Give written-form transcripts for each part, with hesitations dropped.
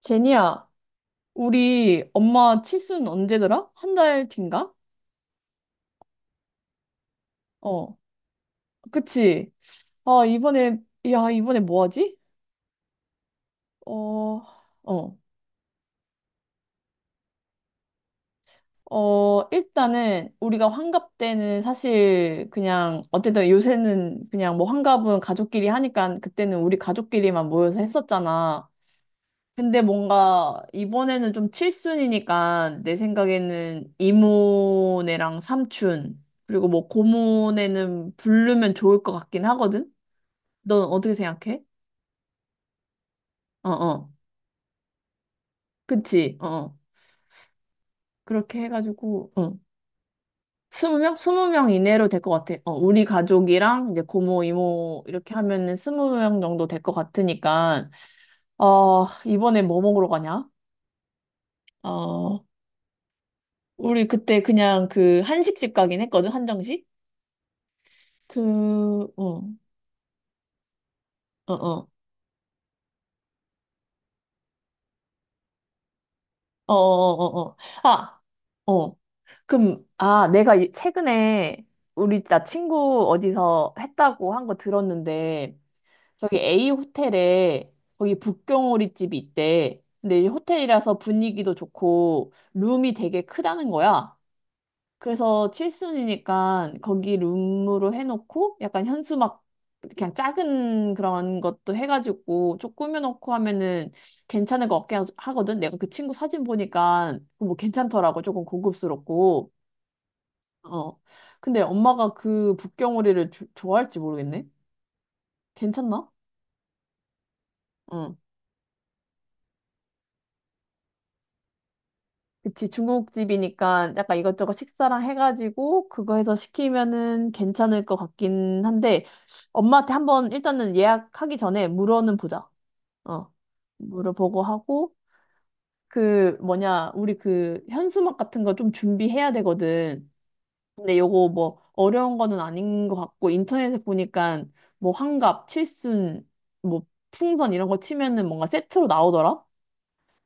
제니야, 우리 엄마 칠순 언제더라? 한 달 뒤인가? 어, 그치? 아, 이번에, 야, 이번에 뭐 하지? 어, 어, 어, 일단은 우리가 환갑 때는 사실 그냥, 어쨌든 요새는 그냥 뭐 환갑은 가족끼리 하니까 그때는 우리 가족끼리만 모여서 했었잖아. 근데 뭔가 이번에는 좀 칠순이니까 내 생각에는 이모네랑 삼촌 그리고 뭐 고모네는 부르면 좋을 것 같긴 하거든. 넌 어떻게 생각해? 어, 어. 그치? 어. 어. 그렇게 해가지고 어. 스무 명? 스무 명 이내로 될 것 같아. 어, 우리 가족이랑 이제 고모, 이모 이렇게 하면은 스무 명 정도 될 것 같으니까 어, 이번에 뭐 먹으러 가냐? 어, 우리 그때 그냥 그 한식집 가긴 했거든, 한정식? 그, 어, 어, 어, 어, 어, 어, 어. 어. 아, 어. 그럼, 아, 내가 최근에 우리 나 친구 어디서 했다고 한 거 들었는데, 저기 A 호텔에 거기 북경오리 집이 있대. 근데 이 호텔이라서 분위기도 좋고, 룸이 되게 크다는 거야. 그래서 칠순이니까 거기 룸으로 해놓고 약간 현수막 그냥 작은 그런 것도 해가지고 좀 꾸며놓고 하면은 괜찮을 것 같긴 하거든. 내가 그 친구 사진 보니까 뭐 괜찮더라고. 조금 고급스럽고. 어. 근데 엄마가 그 북경오리를 좋아할지 모르겠네. 괜찮나? 어. 그치, 중국집이니까 약간 이것저것 식사랑 해가지고 그거 해서 시키면은 괜찮을 것 같긴 한데 엄마한테 한번 일단은 예약하기 전에 물어는 보자. 어. 물어보고 하고 그 뭐냐, 우리 그 현수막 같은 거 좀 준비해야 되거든. 근데 요거 뭐 어려운 거는 아닌 것 같고 인터넷에 보니까 뭐 환갑, 칠순, 뭐 풍선 이런 거 치면은 뭔가 세트로 나오더라.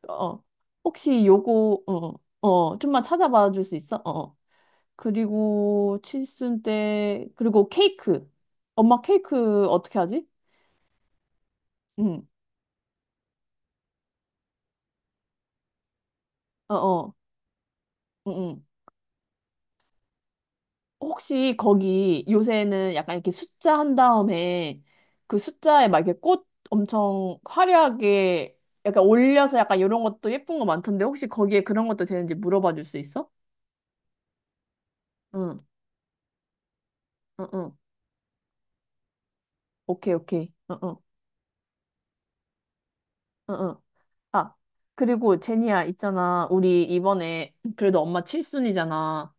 어, 혹시 요거, 어, 어, 좀만 찾아봐 줄 수 있어? 어. 어. 그리고 칠순 때, 그리고 케이크. 엄마 케이크 어떻게 하지? 응, 어, 어, 응, 응. 혹시 거기 요새는 약간 이렇게 숫자 한 다음에 그 숫자에 막 이렇게 꽃 엄청 화려하게 약간 올려서 약간 이런 것도 예쁜 거 많던데 혹시 거기에 그런 것도 되는지 물어봐 줄 수 있어? 응, 응, 응. 오케이, 오케이. 응, 응, 응, 응. 아, 그리고 제니야, 있잖아. 우리 이번에 그래도 엄마 칠순이잖아.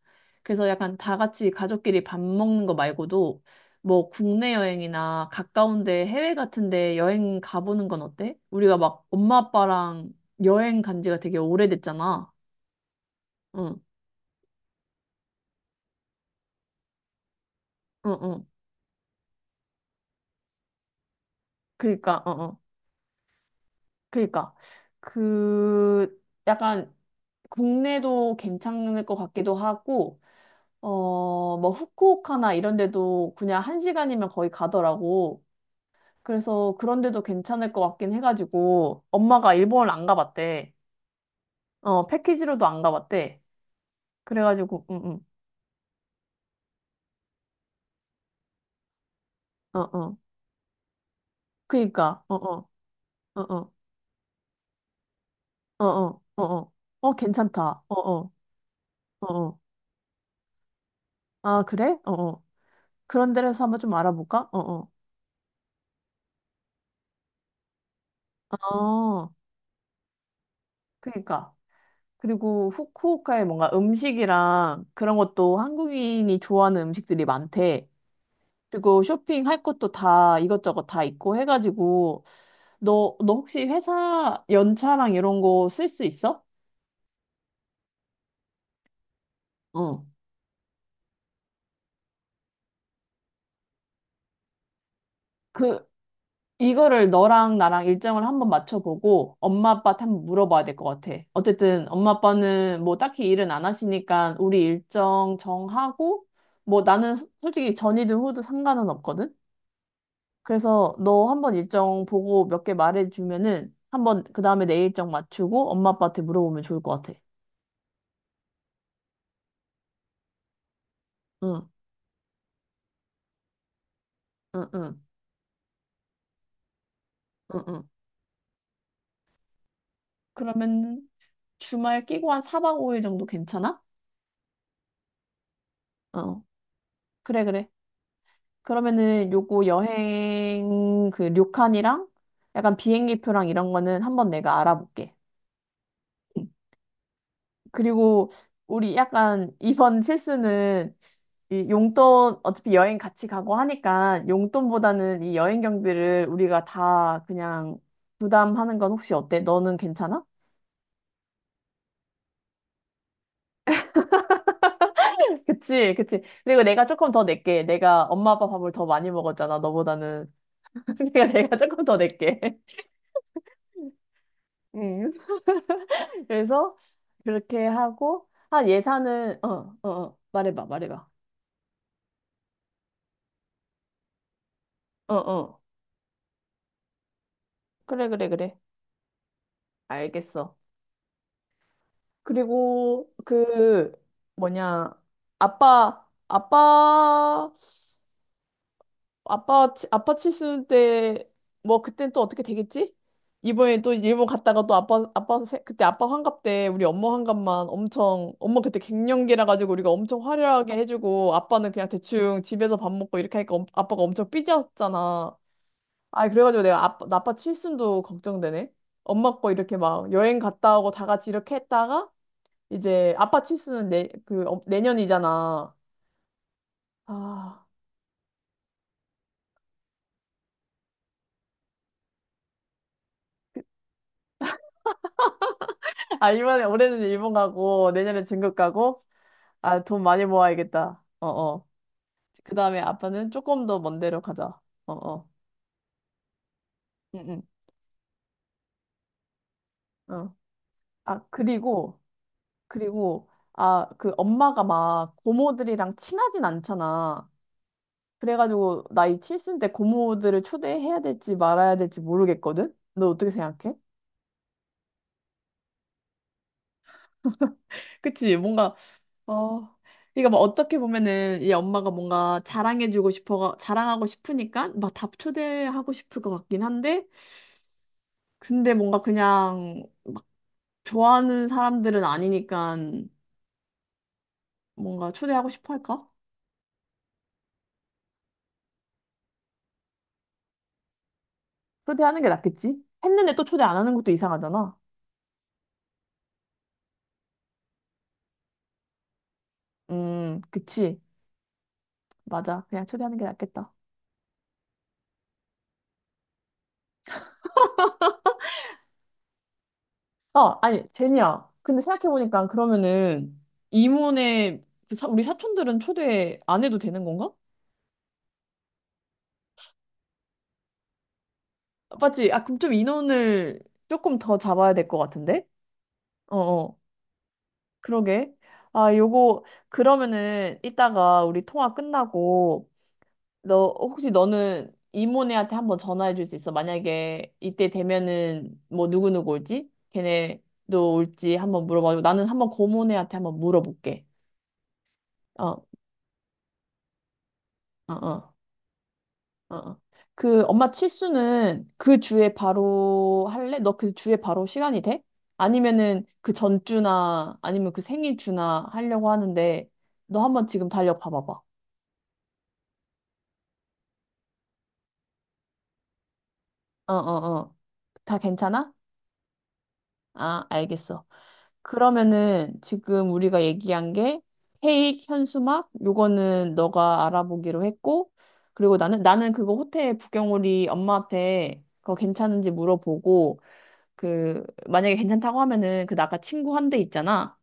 그래서 약간 다 같이 가족끼리 밥 먹는 거 말고도 뭐 국내 여행이나 가까운데 해외 같은데 여행 가보는 건 어때? 우리가 막 엄마 아빠랑 여행 간 지가 되게 오래됐잖아. 응, 응, 응. 그니까, 어, 어. 그니까. 그, 약간 국내도 괜찮을 것 같기도 하고, 어, 뭐, 후쿠오카나 이런 데도 그냥 한 시간이면 거의 가더라고. 그래서 그런 데도 괜찮을 것 같긴 해가지고, 엄마가 일본을 안 가봤대. 어, 패키지로도 안 가봤대. 그래가지고, 응, 응, 어, 어. 그니까, 어, 어, 어, 어, 어, 어, 어, 어. 어, 괜찮다. 어, 어, 어, 어. 아, 그래? 어, 어. 그런 데라서 한번 좀 알아볼까? 어, 어. 어, 그니까. 그리고 후쿠오카에 뭔가 음식이랑 그런 것도 한국인이 좋아하는 음식들이 많대. 그리고 쇼핑할 것도 다 이것저것 다 있고 해가지고 너 혹시 회사 연차랑 이런 거 쓸 수 있어? 어. 그 이거를 너랑 나랑 일정을 한번 맞춰보고 엄마 아빠한테 한번 물어봐야 될 것 같아. 어쨌든 엄마 아빠는 뭐 딱히 일은 안 하시니까 우리 일정 정하고 뭐 나는 솔직히 전이든 후든 상관은 없거든. 그래서 너 한번 일정 보고 몇 개 말해주면은 한번 그 다음에 내 일정 맞추고 엄마 아빠한테 물어보면 좋을 것 같아. 응. 응, 응, 응, 응. 그러면 주말 끼고 한 4박 5일 정도 괜찮아? 어, 그래, 그래. 그러면은 요거 여행 그 료칸이랑 약간 비행기표랑 이런 거는 한번 내가 알아볼게. 응. 그리고 우리 약간 이번 실수는 이 용돈 어차피 여행 같이 가고 하니까 용돈보다는 이 여행 경비를 우리가 다 그냥 부담하는 건 혹시 어때? 너는 괜찮아? 그치, 그치. 그리고 내가 조금 더 낼게. 내가 엄마 아빠 밥을 더 많이 먹었잖아, 너보다는. 그러니까 내가 조금 더 낼게. 음. 그래서 그렇게 하고, 한 예산은, 어, 어, 어. 말해봐, 말해봐. 어, 어. 그래, 그래, 그래. 알겠어. 그리고 그, 뭐냐, 아빠, 아빠, 아빠 칠순 때, 뭐, 그땐 또 어떻게 되겠지? 이번에 또 일본 갔다가 또 그때 아빠 환갑 때 우리 엄마 환갑만 엄청, 엄마 그때 갱년기라 가지고 우리가 엄청 화려하게 해주고 아빠는 그냥 대충 집에서 밥 먹고 이렇게 하니까 아빠가 엄청 삐졌잖아. 아, 그래가지고 내가 아빠, 나 아빠 칠순도 걱정되네. 엄마 거 이렇게 막 여행 갔다 오고 다 같이 이렇게 했다가 이제 아빠 칠순은 내년이잖아. 아, 아, 이번에 올해는 일본 가고 내년에 중국 가고 아, 돈 많이 모아야겠다. 어, 어. 그 다음에 아빠는 조금 더 먼 데로 가자. 어, 어. 응, 응. 어. 아, 그리고, 그리고, 아, 그 엄마가 막 고모들이랑 친하진 않잖아. 그래가지고, 나이 칠순 때 고모들을 초대해야 될지 말아야 될지 모르겠거든? 너 어떻게 생각해? 그치, 뭔가, 어. 그러니까 뭐 어떻게 보면은 이 엄마가 뭔가 자랑해주고 싶어, 자랑하고 싶으니까 막 다 초대하고 싶을 것 같긴 한데, 근데 뭔가 그냥 좋아하는 사람들은 아니니까 뭔가 초대하고 싶어 할까? 초대하는 게 낫겠지? 했는데 또 초대 안 하는 것도 이상하잖아. 그치. 맞아. 그냥 초대하는 게 낫겠다. 어, 아니, 제니야. 근데 생각해보니까 그러면은 이모네, 우리 사촌들은 초대 안 해도 되는 건가? 맞지? 아, 그럼 좀 인원을 조금 더 잡아야 될 것 같은데? 어어, 그러게. 아, 요거, 그러면은 이따가 우리 통화 끝나고 너 혹시 너는 이모네한테 한번 전화해 줄 수 있어? 만약에 이때 되면은 뭐 누구누구 올지? 걔네도 올지 한번 물어봐주고 나는 한번 고모네한테 한번 물어볼게. 어, 어, 어, 어. 어. 그 엄마 칠수는 그 주에 바로 할래? 너 그 주에 바로 시간이 돼? 아니면은 그 전주나 아니면 그 생일주나 하려고 하는데 너 한번 지금 달력 봐봐봐. 어, 어, 어. 다 괜찮아? 아, 알겠어. 그러면은 지금 우리가 얘기한 게 케이크, 현수막 요거는 너가 알아보기로 했고 그리고 나는 그거 호텔 부경오리 엄마한테 그거 괜찮은지 물어보고 그 만약에 괜찮다고 하면은 그 나가 친구 한 대 있잖아.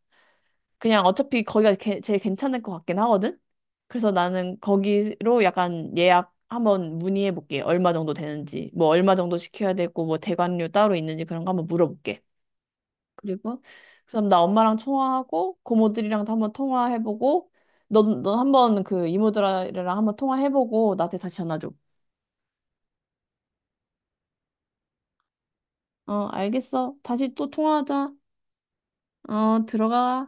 그냥 어차피 거기가 제일 괜찮을 것 같긴 하거든. 그래서 나는 거기로 약간 예약 한번 문의해 볼게. 얼마 정도 되는지, 뭐 얼마 정도 시켜야 되고 뭐 대관료 따로 있는지 그런 거 한번 물어볼게. 그리고 그다음 나 엄마랑 통화하고 고모들이랑도 한번 통화해보고 넌너 한번 그 이모들이랑 한번 통화해보고 나한테 다시 전화 줘. 어, 알겠어. 다시 또 통화하자. 어, 들어가.